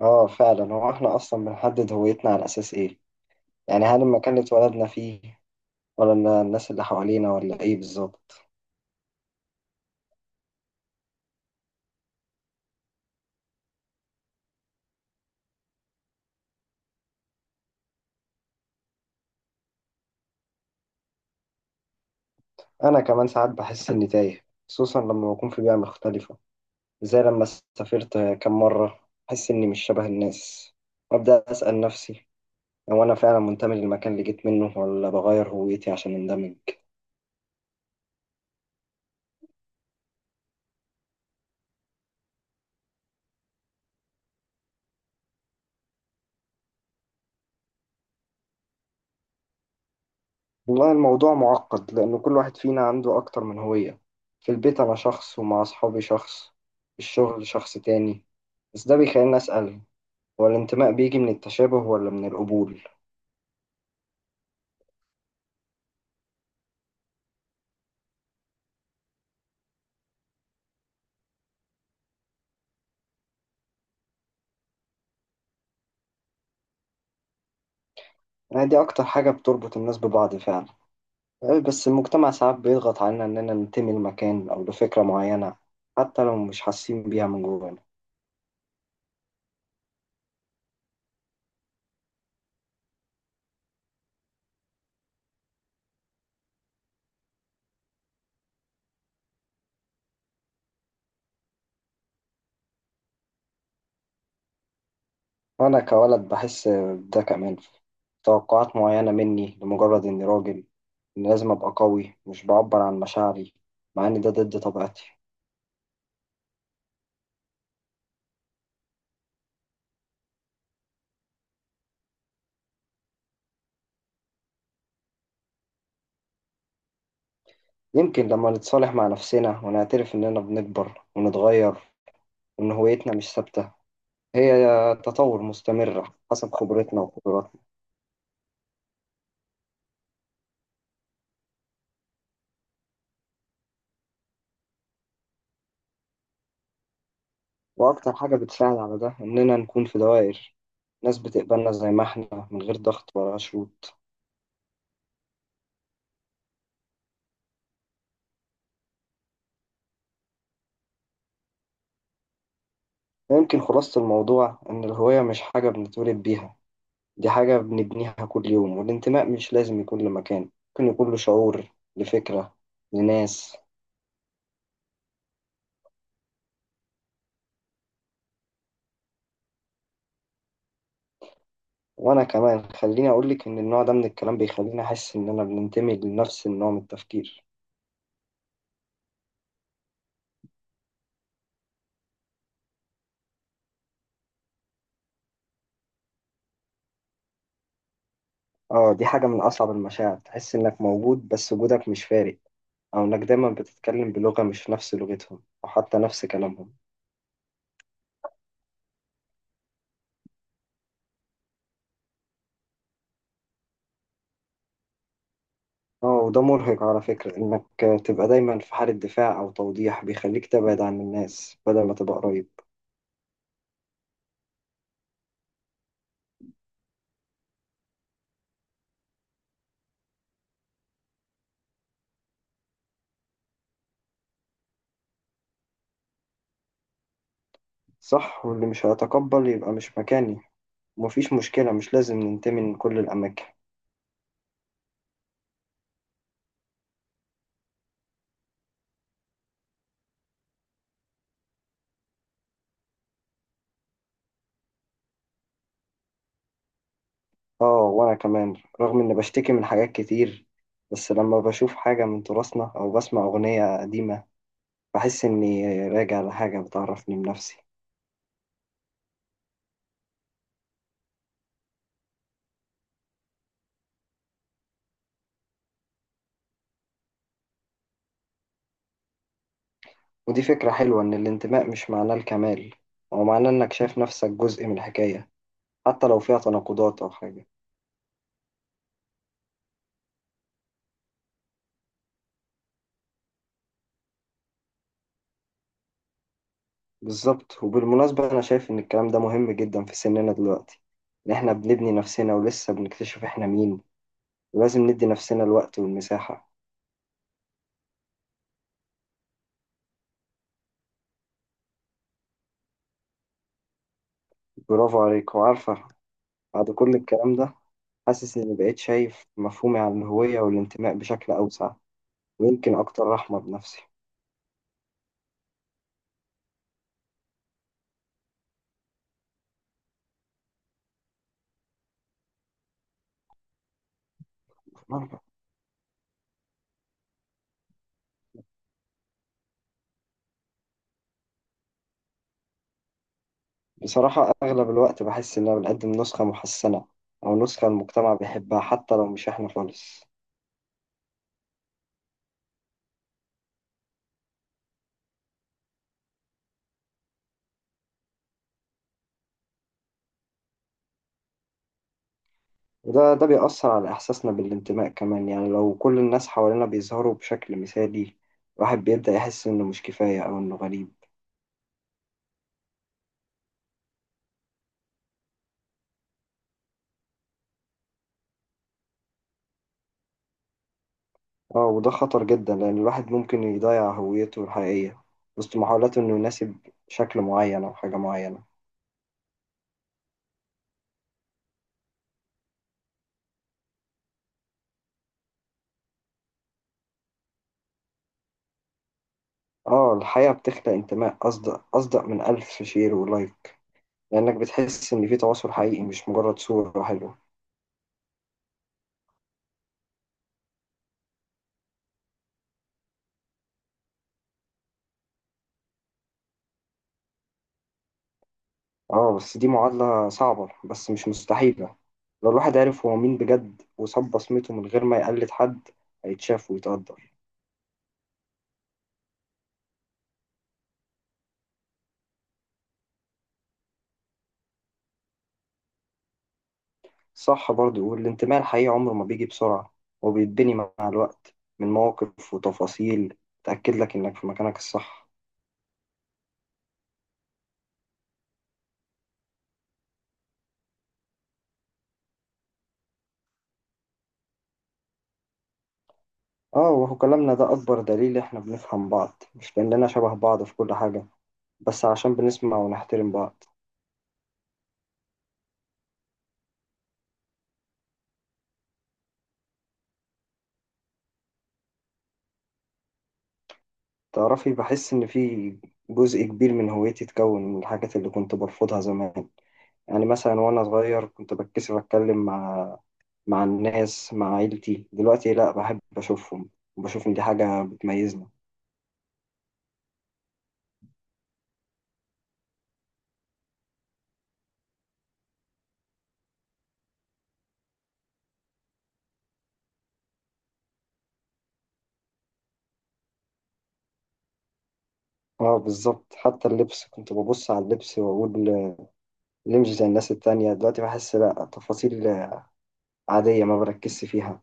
اه فعلا، هو احنا اصلا بنحدد هويتنا على اساس ايه؟ يعني هل المكان اللي اتولدنا فيه، ولا الناس اللي حوالينا، ولا ايه بالظبط؟ انا كمان ساعات بحس اني تايه، خصوصا لما بكون في بيئة مختلفة، زي لما سافرت كام مرة بحس اني مش شبه الناس، وابدا اسأل نفسي، هو انا فعلا منتمي للمكان اللي جيت منه ولا بغير هويتي عشان اندمج؟ والله الموضوع معقد، لأن كل واحد فينا عنده أكتر من هوية. في البيت أنا شخص، ومع أصحابي شخص، في الشغل شخص تاني. بس ده بيخليني أسأل، هو الانتماء بيجي من التشابه ولا من القبول؟ يعني دي أكتر حاجة بتربط الناس ببعض فعلا. بس المجتمع ساعات بيضغط علينا إننا ننتمي لمكان أو لفكرة معينة، حتى لو مش حاسين بيها من جوانا. وأنا كولد بحس بده كمان، توقعات معينة مني لمجرد إني راجل، إن لازم أبقى قوي مش بعبر عن مشاعري، مع إن ده ضد طبيعتي. يمكن لما نتصالح مع نفسنا ونعترف إننا بنكبر ونتغير، وإن هويتنا مش ثابتة، هي تطور مستمر حسب خبرتنا وقدراتنا. وأكتر حاجة بتساعد على ده إننا نكون في دوائر، ناس بتقبلنا زي ما إحنا من غير ضغط ولا شروط. يمكن خلاصة الموضوع إن الهوية مش حاجة بنتولد بيها، دي حاجة بنبنيها كل يوم. والانتماء مش لازم يكون لمكان، ممكن يكون له شعور، لفكرة، لناس. وأنا كمان خليني أقولك إن النوع ده من الكلام بيخليني أحس إن أنا بننتمي لنفس النوع من التفكير. آه، دي حاجة من أصعب المشاعر، تحس إنك موجود بس وجودك مش فارق، أو إنك دايما بتتكلم بلغة مش نفس لغتهم أو حتى نفس كلامهم. آه وده مرهق على فكرة، إنك تبقى دايما في حالة دفاع أو توضيح، بيخليك تبعد عن الناس بدل ما تبقى قريب. صح، واللي مش هيتقبل يبقى مش مكاني، مفيش مشكلة، مش لازم ننتمي من كل الأماكن. اه وأنا كمان، رغم إني بشتكي من حاجات كتير، بس لما بشوف حاجة من تراثنا أو بسمع أغنية قديمة بحس إني راجع لحاجة بتعرفني بنفسي. ودي فكرة حلوة، إن الانتماء مش معناه الكمال، هو معناه إنك شايف نفسك جزء من الحكاية، حتى لو فيها تناقضات أو حاجة. بالظبط، وبالمناسبة أنا شايف إن الكلام ده مهم جدا في سننا دلوقتي، إن إحنا بنبني نفسنا ولسه بنكتشف إحنا مين، ولازم ندي نفسنا الوقت والمساحة. برافو عليك. وعارفة، بعد كل الكلام ده، حاسس إني بقيت شايف مفهومي عن الهوية والانتماء بشكل أوسع، ويمكن أكتر رحمة بنفسي. بصراحة أغلب الوقت بحس إن أنا بقدم نسخة محسنة، أو نسخة المجتمع بيحبها، حتى لو مش إحنا خالص. وده ده بيأثر على إحساسنا بالانتماء كمان، يعني لو كل الناس حوالينا بيظهروا بشكل مثالي، الواحد بيبدأ يحس إنه مش كفاية أو إنه غريب. اه وده خطر جدا، لأن الواحد ممكن يضيع هويته الحقيقية وسط محاولاته إنه يناسب شكل معين أو حاجة معينة. اه الحقيقة بتخلق انتماء أصدق، أصدق من ألف شير ولايك، لأنك بتحس إن في تواصل حقيقي مش مجرد صورة حلوة. اه بس دي معادلة صعبة، بس مش مستحيلة. لو الواحد عرف هو مين بجد وساب بصمته من غير ما يقلد حد هيتشاف ويتقدر. صح برضو، والانتماء الحقيقي عمره ما بيجي بسرعة، وبيتبني مع الوقت من مواقف وتفاصيل تأكد لك إنك في مكانك الصح. آه وهو كلامنا ده أكبر دليل، إحنا بنفهم بعض مش لأننا شبه بعض في كل حاجة، بس عشان بنسمع ونحترم بعض. تعرفي، بحس إن في جزء كبير من هويتي اتكون من الحاجات اللي كنت برفضها زمان. يعني مثلا وأنا صغير كنت بتكسف أتكلم مع الناس، مع عيلتي. دلوقتي لأ، بحب أشوفهم وبشوف إن دي حاجة بتميزني. اه بالظبط، حتى اللبس كنت ببص على اللبس واقول ليه مش زي الناس التانية. دلوقتي بحس لا، تفاصيل عادية ما بركزش فيها.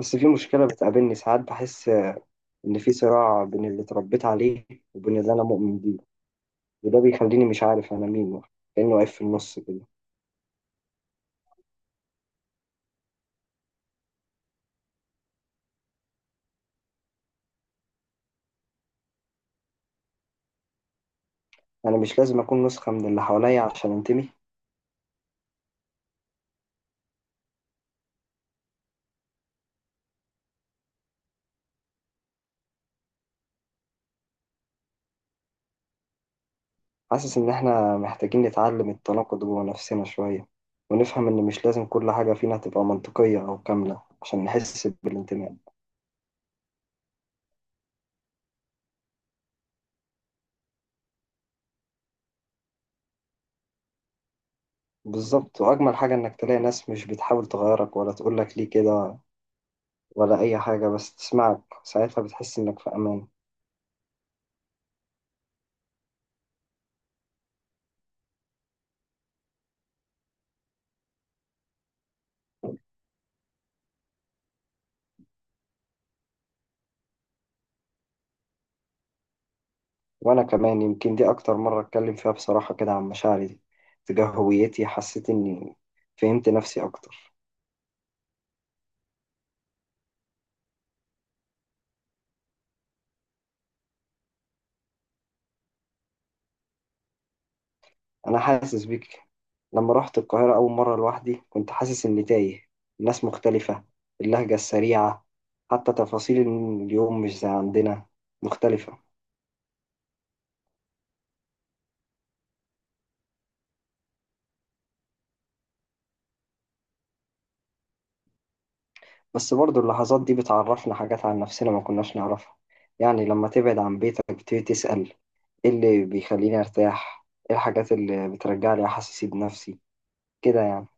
بس في مشكلة بتقابلني ساعات، بحس إن في صراع بين اللي اتربيت عليه وبين اللي أنا مؤمن بيه، وده بيخليني مش عارف أنا مين، كأنه واقف في النص كده. أنا مش لازم أكون نسخة من اللي حواليا عشان أنتمي. حاسس إن إحنا محتاجين نتعلم التناقض جوه نفسنا شوية، ونفهم إن مش لازم كل حاجة فينا تبقى منطقية أو كاملة عشان نحس بالانتماء. بالظبط، وأجمل حاجة إنك تلاقي ناس مش بتحاول تغيرك ولا تقولك ليه كده ولا أي حاجة، بس تسمعك. ساعتها بتحس إنك في أمان. وأنا كمان، يمكن دي أكتر مرة أتكلم فيها بصراحة كده عن مشاعري دي تجاه هويتي. حسيت إني فهمت نفسي أكتر. أنا حاسس بيك، لما رحت القاهرة أول مرة لوحدي كنت حاسس إني تايه. الناس مختلفة، اللهجة السريعة، حتى تفاصيل اليوم مش زي عندنا، مختلفة. بس برضو اللحظات دي بتعرفنا حاجات عن نفسنا ما كناش نعرفها. يعني لما تبعد عن بيتك بتبتدي تسأل، ايه اللي بيخليني ارتاح؟ ايه الحاجات اللي بترجع لي احاسيسي بنفسي كده يعني؟